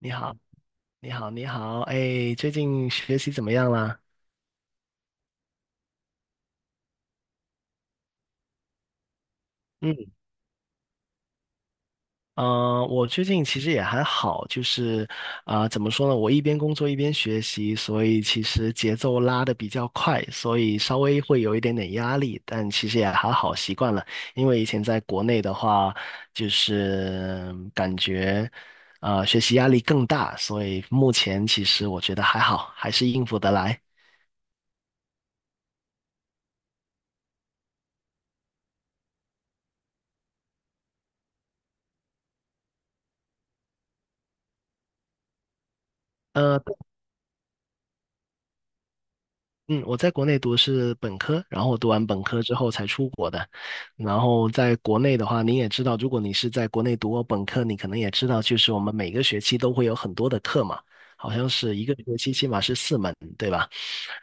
你好，你好，你好，哎，最近学习怎么样啦？嗯，我最近其实也还好，就是怎么说呢？我一边工作一边学习，所以其实节奏拉得比较快，所以稍微会有一点点压力，但其实也还好，习惯了。因为以前在国内的话，就是感觉学习压力更大，所以目前其实我觉得还好，还是应付得来。呃。嗯，我在国内读的是本科，然后我读完本科之后才出国的。然后在国内的话，你也知道，如果你是在国内读过本科，你可能也知道，就是我们每个学期都会有很多的课嘛，好像是一个学期起码是4门，对吧？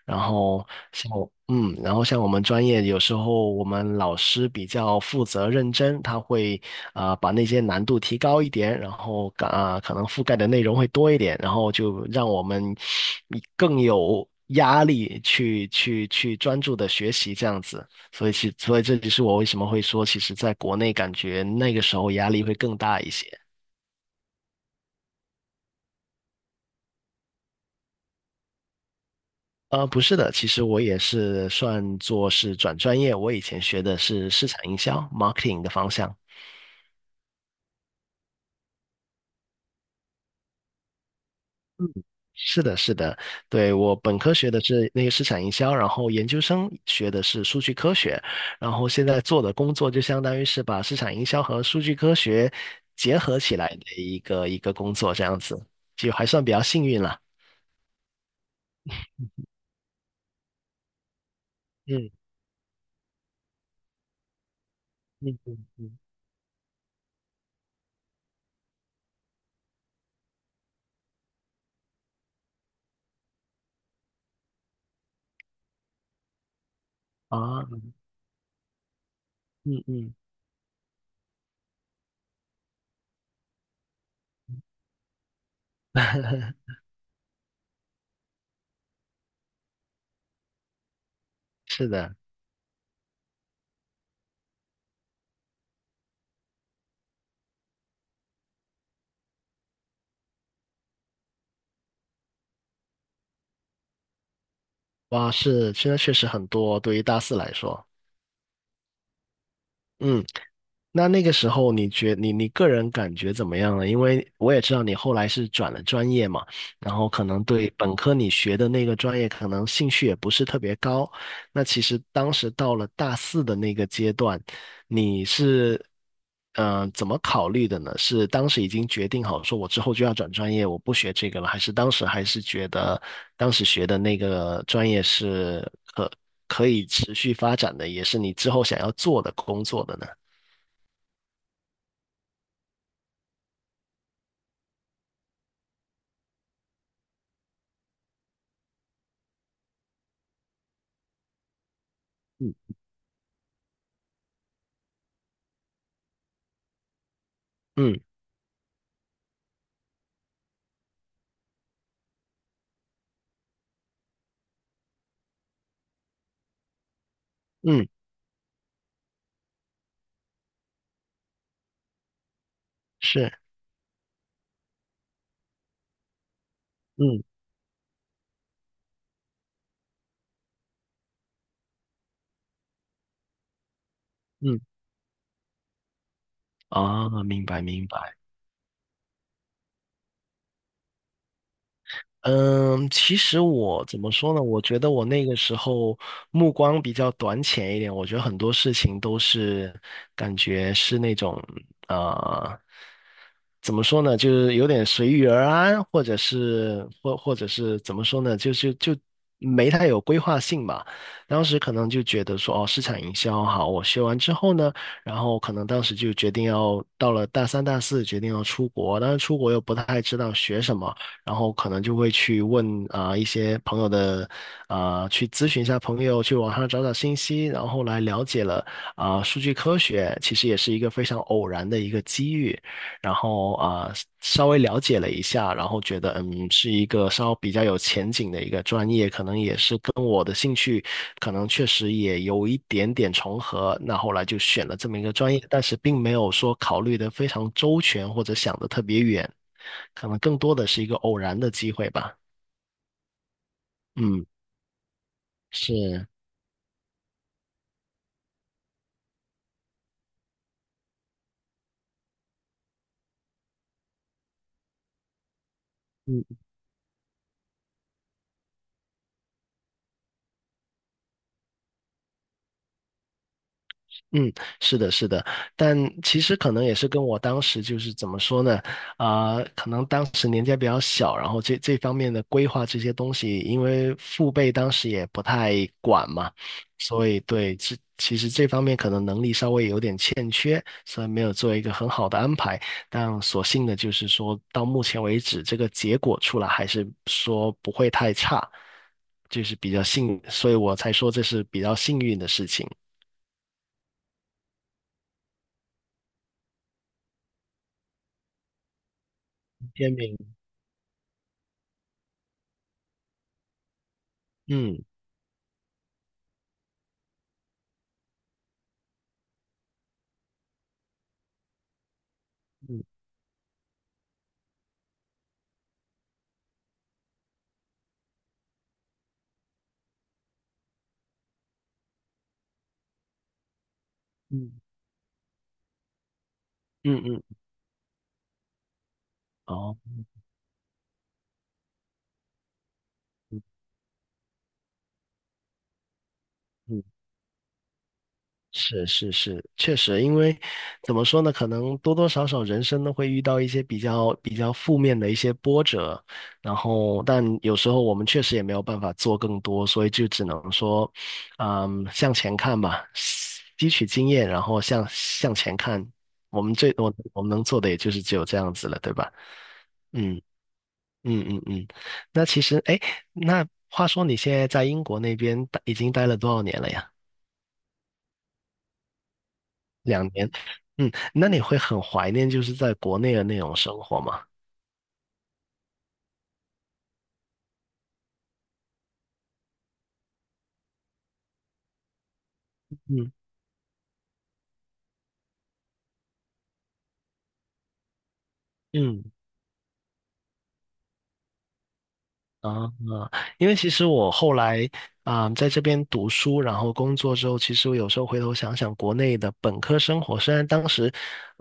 然后像我，嗯，然后像我们专业，有时候我们老师比较负责认真，他会把那些难度提高一点，然后可能覆盖的内容会多一点，然后就让我们更有压力去专注的学习这样子。所以这就是我为什么会说，其实在国内感觉那个时候压力会更大一些。不是的，其实我也是算作是转专业，我以前学的是市场营销 marketing 的方向。是的，是的，对，我本科学的是那个市场营销，然后研究生学的是数据科学，然后现在做的工作就相当于是把市场营销和数据科学结合起来的一个工作，这样子，就还算比较幸运了。嗯嗯嗯嗯啊，嗯嗯，是的，哇，是，现在确实很多，对于大四来说，嗯。那个时候你个人感觉怎么样呢？因为我也知道你后来是转了专业嘛，然后可能对本科你学的那个专业可能兴趣也不是特别高。那其实当时到了大四的那个阶段，你是怎么考虑的呢？是当时已经决定好说我之后就要转专业，我不学这个了，还是当时还是觉得当时学的那个专业是可以持续发展的，也是你之后想要做的工作的呢？嗯嗯嗯，是，嗯嗯，哦，明白明白。嗯，其实我怎么说呢？我觉得我那个时候目光比较短浅一点，我觉得很多事情都是感觉是那种呃，怎么说呢？就是有点随遇而安，或者是怎么说呢？就是没太有规划性吧。当时可能就觉得说，哦，市场营销好，我学完之后呢，然后可能当时就决定要到了大三、大四，决定要出国，但是出国又不太知道学什么。然后可能就会去问一些朋友的去咨询一下朋友，去网上找找信息，然后后来了解了数据科学其实也是一个非常偶然的一个机遇，然后稍微了解了一下，然后觉得是一个稍比较有前景的一个专业，可能也是跟我的兴趣可能确实也有一点点重合，那后来就选了这么一个专业，但是并没有说考虑的非常周全或者想的特别远。可能更多的是一个偶然的机会吧。嗯，是，嗯，嗯，是的，是的，但其实可能也是跟我当时就是怎么说呢，可能当时年纪还比较小，然后这方面的规划这些东西，因为父辈当时也不太管嘛，所以对，其实这方面可能能力稍微有点欠缺，所以没有做一个很好的安排。但所幸的就是说到目前为止，这个结果出来还是说不会太差，就是比较幸，所以我才说这是比较幸运的事情。天明。嗯。嗯嗯嗯嗯，哦，嗯嗯，是是是，确实，因为怎么说呢，可能多多少少人生都会遇到一些比较负面的一些波折，然后但有时候我们确实也没有办法做更多，所以就只能说，向前看吧，吸取经验，然后向前看，我们最多能做的也就是只有这样子了，对吧？嗯。嗯嗯嗯，那其实，哎，那话说你现在在英国那边已经待了多少年了呀？2年。那你会很怀念就是在国内的那种生活吗？嗯嗯。啊，因为其实我后来在这边读书，然后工作之后，其实我有时候回头想想，国内的本科生活，虽然当时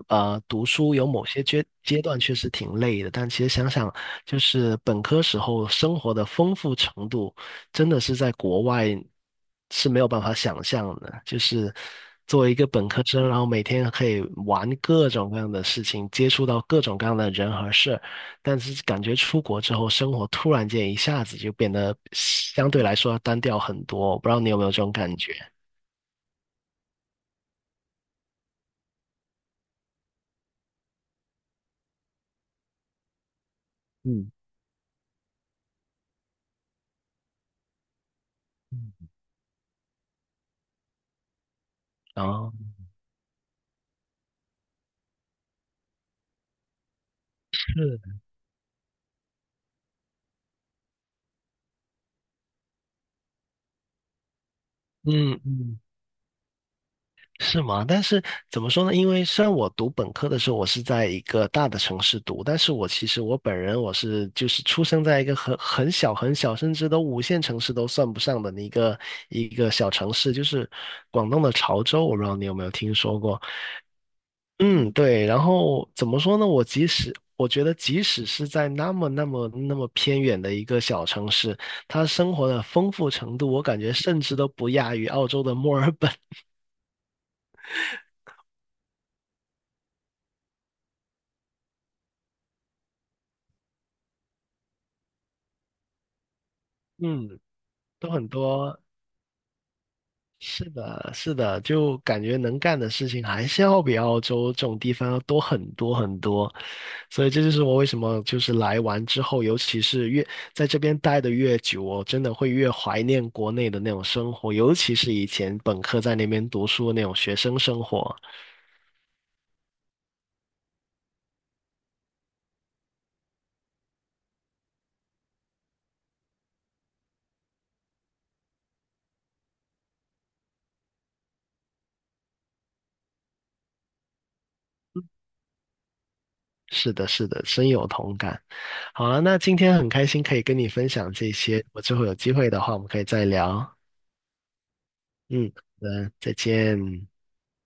读书有某些阶段确实挺累的，但其实想想，就是本科时候生活的丰富程度，真的是在国外是没有办法想象的。就是作为一个本科生，然后每天可以玩各种各样的事情，接触到各种各样的人和事儿，但是感觉出国之后，生活突然间一下子就变得相对来说要单调很多。我不知道你有没有这种感觉？嗯，哦，是，嗯嗯，是吗？但是怎么说呢？因为虽然我读本科的时候，我是在一个大的城市读，但是我其实我本人我是就是出生在一个很小很小，甚至都五线城市都算不上的一个小城市，就是广东的潮州。我不知道你有没有听说过。嗯，对，然后怎么说呢？我觉得，即使是在那么那么那么偏远的一个小城市，它生活的丰富程度，我感觉甚至都不亚于澳洲的墨尔本。嗯，都很多是的，是的，就感觉能干的事情还是要比澳洲这种地方要多很多很多，所以这就是我为什么就是来完之后，尤其是越在这边待的越久哦，我真的会越怀念国内的那种生活，尤其是以前本科在那边读书的那种学生生活。是的，是的，深有同感。好了，那今天很开心可以跟你分享这些，我之后有机会的话，我们可以再聊。嗯，好的，再见。